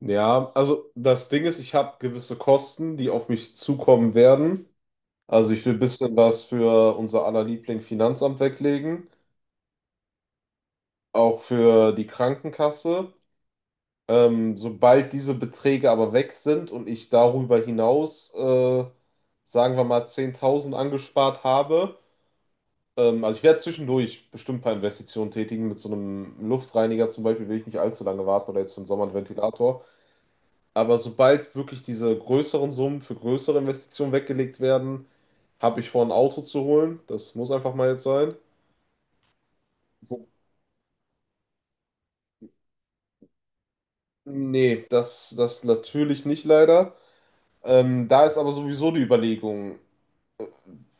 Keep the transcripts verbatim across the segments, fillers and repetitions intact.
Ja, also das Ding ist, ich habe gewisse Kosten, die auf mich zukommen werden. Also ich will ein bisschen was für unser aller Liebling Finanzamt weglegen, auch für die Krankenkasse. Ähm, sobald diese Beträge aber weg sind und ich darüber hinaus, äh, sagen wir mal, zehntausend angespart habe, ähm, also ich werde zwischendurch bestimmt ein paar Investitionen tätigen. Mit so einem Luftreiniger zum Beispiel will ich nicht allzu lange warten oder jetzt für den Sommer einen Ventilator. Aber sobald wirklich diese größeren Summen für größere Investitionen weggelegt werden, habe ich vor, ein Auto zu holen. Das muss einfach mal jetzt sein. Wo- Nee, das, das natürlich nicht leider. Ähm, da ist aber sowieso die Überlegung,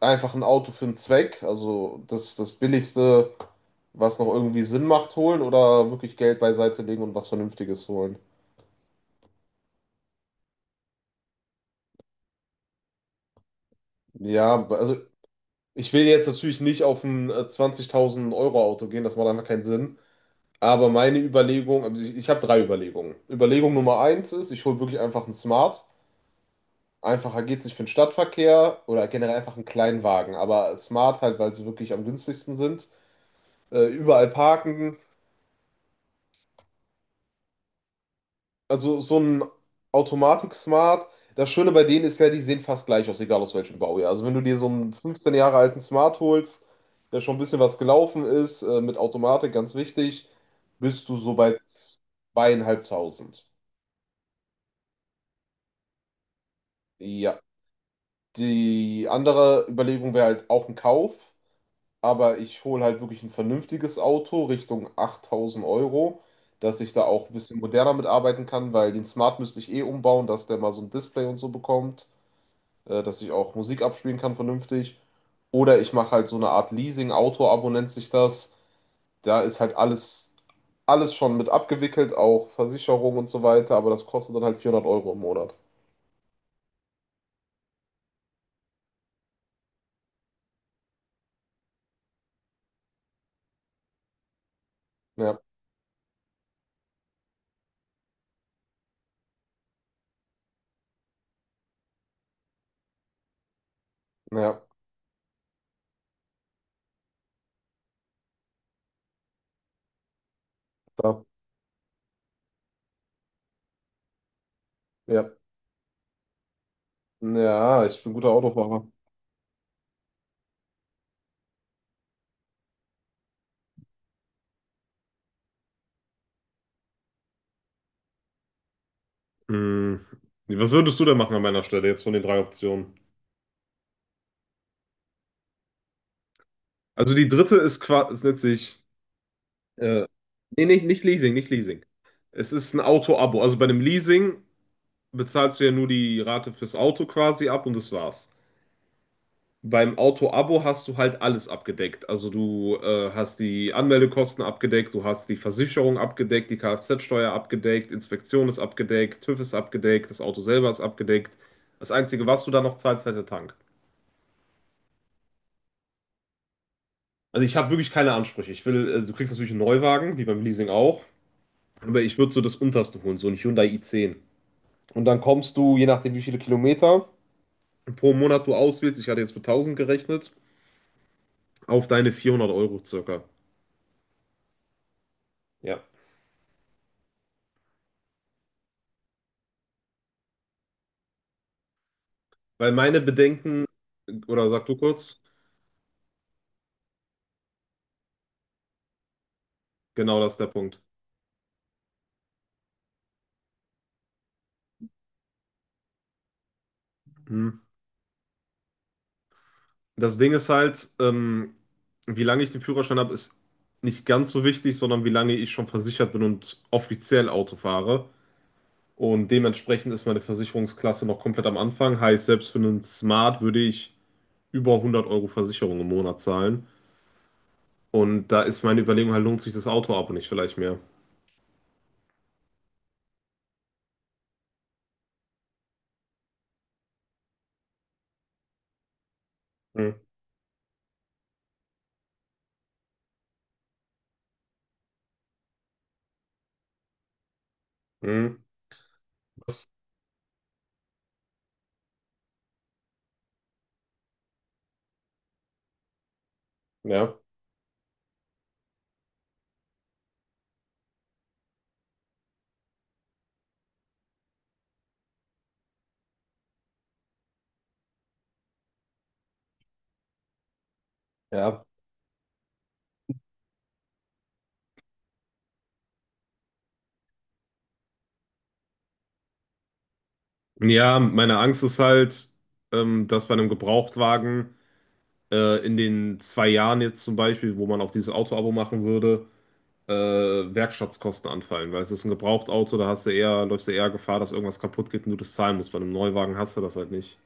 einfach ein Auto für einen Zweck, also das, das Billigste, was noch irgendwie Sinn macht, holen oder wirklich Geld beiseite legen und was Vernünftiges holen. Ja, also ich will jetzt natürlich nicht auf ein äh, zwanzigtausend Euro Auto gehen, das macht einfach keinen Sinn. Aber meine Überlegung, also ich, ich habe drei Überlegungen. Überlegung Nummer eins ist, ich hole wirklich einfach einen Smart. Einfacher geht's nicht für den Stadtverkehr oder generell einfach einen kleinen Wagen. Aber Smart halt, weil sie wirklich am günstigsten sind. Äh, überall parken. Also so ein Automatik-Smart. Das Schöne bei denen ist ja, die sehen fast gleich aus, egal aus welchem Baujahr. Also wenn du dir so einen fünfzehn Jahre alten Smart holst, der schon ein bisschen was gelaufen ist, äh, mit Automatik, ganz wichtig, bist du so bei zweieinhalbtausend. Ja. Die andere Überlegung wäre halt auch ein Kauf, aber ich hole halt wirklich ein vernünftiges Auto Richtung achttausend Euro, dass ich da auch ein bisschen moderner mitarbeiten kann, weil den Smart müsste ich eh umbauen, dass der mal so ein Display und so bekommt, äh, dass ich auch Musik abspielen kann vernünftig. Oder ich mache halt so eine Art leasing auto nennt sich das. Da ist halt alles, alles schon mit abgewickelt, auch Versicherung und so weiter, aber das kostet dann halt vierhundert Euro im Monat. Ja, ja, klar. Ja, ja, ich bin guter Autofahrer. Hm. Was würdest du denn machen an meiner Stelle jetzt von den drei Optionen? Also die dritte ist quasi, ist nennt sich, äh, nee, nicht, nicht Leasing, nicht Leasing. Es ist ein Auto-Abo. Also bei einem Leasing bezahlst du ja nur die Rate fürs Auto quasi ab und das war's. Beim Auto-Abo hast du halt alles abgedeckt. Also du äh, hast die Anmeldekosten abgedeckt, du hast die Versicherung abgedeckt, die Kfz-Steuer abgedeckt, Inspektion ist abgedeckt, TÜV ist abgedeckt, das Auto selber ist abgedeckt. Das Einzige, was du da noch zahlst, ist halt der Tank. Also ich habe wirklich keine Ansprüche. Ich will, äh, du kriegst natürlich einen Neuwagen, wie beim Leasing auch. Aber ich würde so das unterste holen, so ein Hyundai i zehn. Und dann kommst du, je nachdem wie viele Kilometer pro Monat du auswählst, ich hatte jetzt mit tausend gerechnet, auf deine vierhundert Euro circa. Ja. Weil meine Bedenken, oder sag du kurz, genau das ist der Punkt. Mhm. Das Ding ist halt, ähm, wie lange ich den Führerschein habe, ist nicht ganz so wichtig, sondern wie lange ich schon versichert bin und offiziell Auto fahre. Und dementsprechend ist meine Versicherungsklasse noch komplett am Anfang. Heißt, selbst für einen Smart würde ich über hundert Euro Versicherung im Monat zahlen. Und da ist meine Überlegung halt, lohnt sich das Autoabo nicht vielleicht mehr? Hm, hm, was? Ja. Ja. Ja, meine Angst ist halt, ähm, dass bei einem Gebrauchtwagen äh, in den zwei Jahren jetzt zum Beispiel, wo man auch dieses Autoabo machen würde, äh, Werkstattkosten anfallen, weil es ist ein Gebrauchtauto, da hast du eher, läufst du eher Gefahr, dass irgendwas kaputt geht und du das zahlen musst. Bei einem Neuwagen hast du das halt nicht.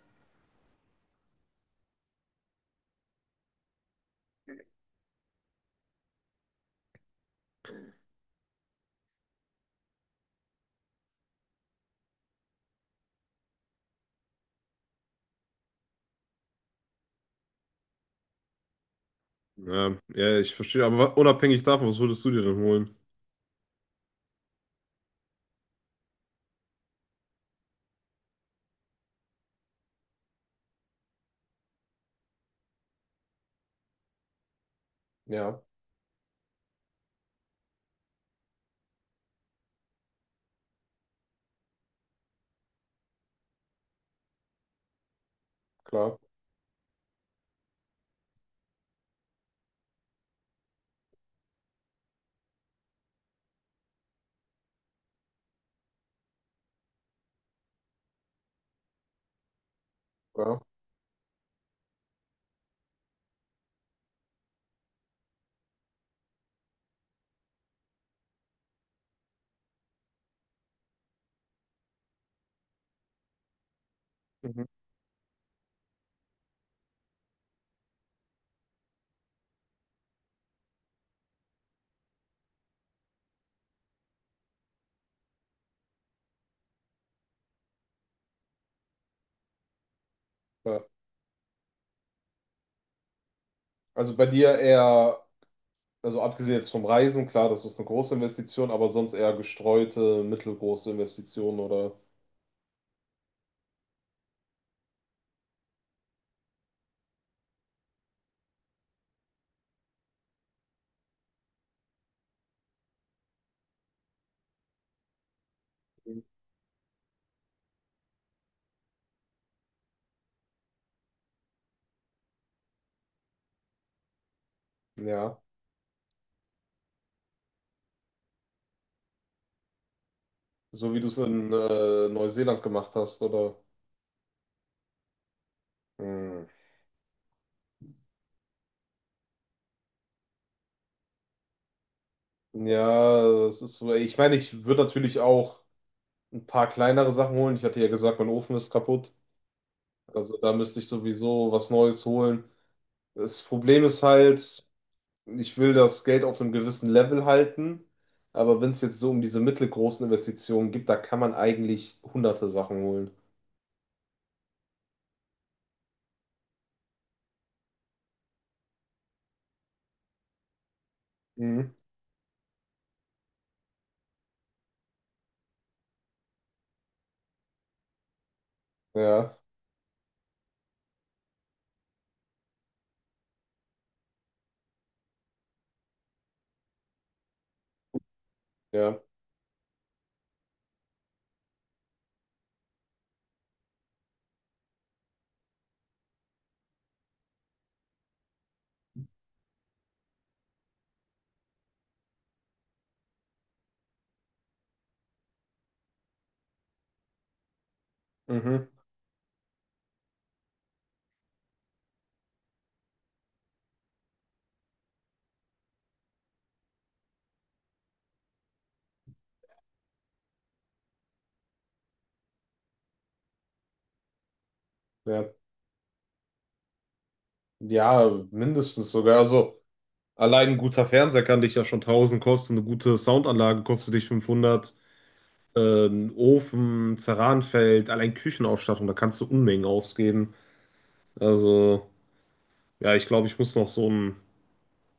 Ja, ja, ich verstehe, aber wa- unabhängig davon, was würdest du dir denn holen? Ja, klar, klar. Mhm. Klar. Also bei dir eher, also abgesehen jetzt vom Reisen, klar, das ist eine große Investition, aber sonst eher gestreute, mittelgroße Investitionen oder ja, so wie du es in äh, Neuseeland gemacht hast, oder? Hm. Ja, das ist so. Ich meine, ich würde natürlich auch ein paar kleinere Sachen holen. Ich hatte ja gesagt, mein Ofen ist kaputt. Also da müsste ich sowieso was Neues holen. Das Problem ist halt, ich will das Geld auf einem gewissen Level halten, aber wenn es jetzt so um diese mittelgroßen Investitionen gibt, da kann man eigentlich hunderte Sachen holen. Mhm. Ja, ja, mhm. Ja. Ja, mindestens sogar. Also allein ein guter Fernseher kann dich ja schon tausend kosten, eine gute Soundanlage kostet dich fünfhundert, äh, ein Ofen, Zeranfeld, allein Küchenausstattung, da kannst du Unmengen ausgeben. Also ja, ich glaube, ich muss noch so ein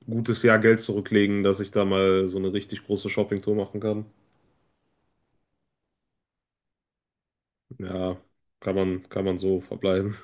gutes Jahr Geld zurücklegen, dass ich da mal so eine richtig große Shoppingtour machen kann. Ja, kann man, kann man so verbleiben.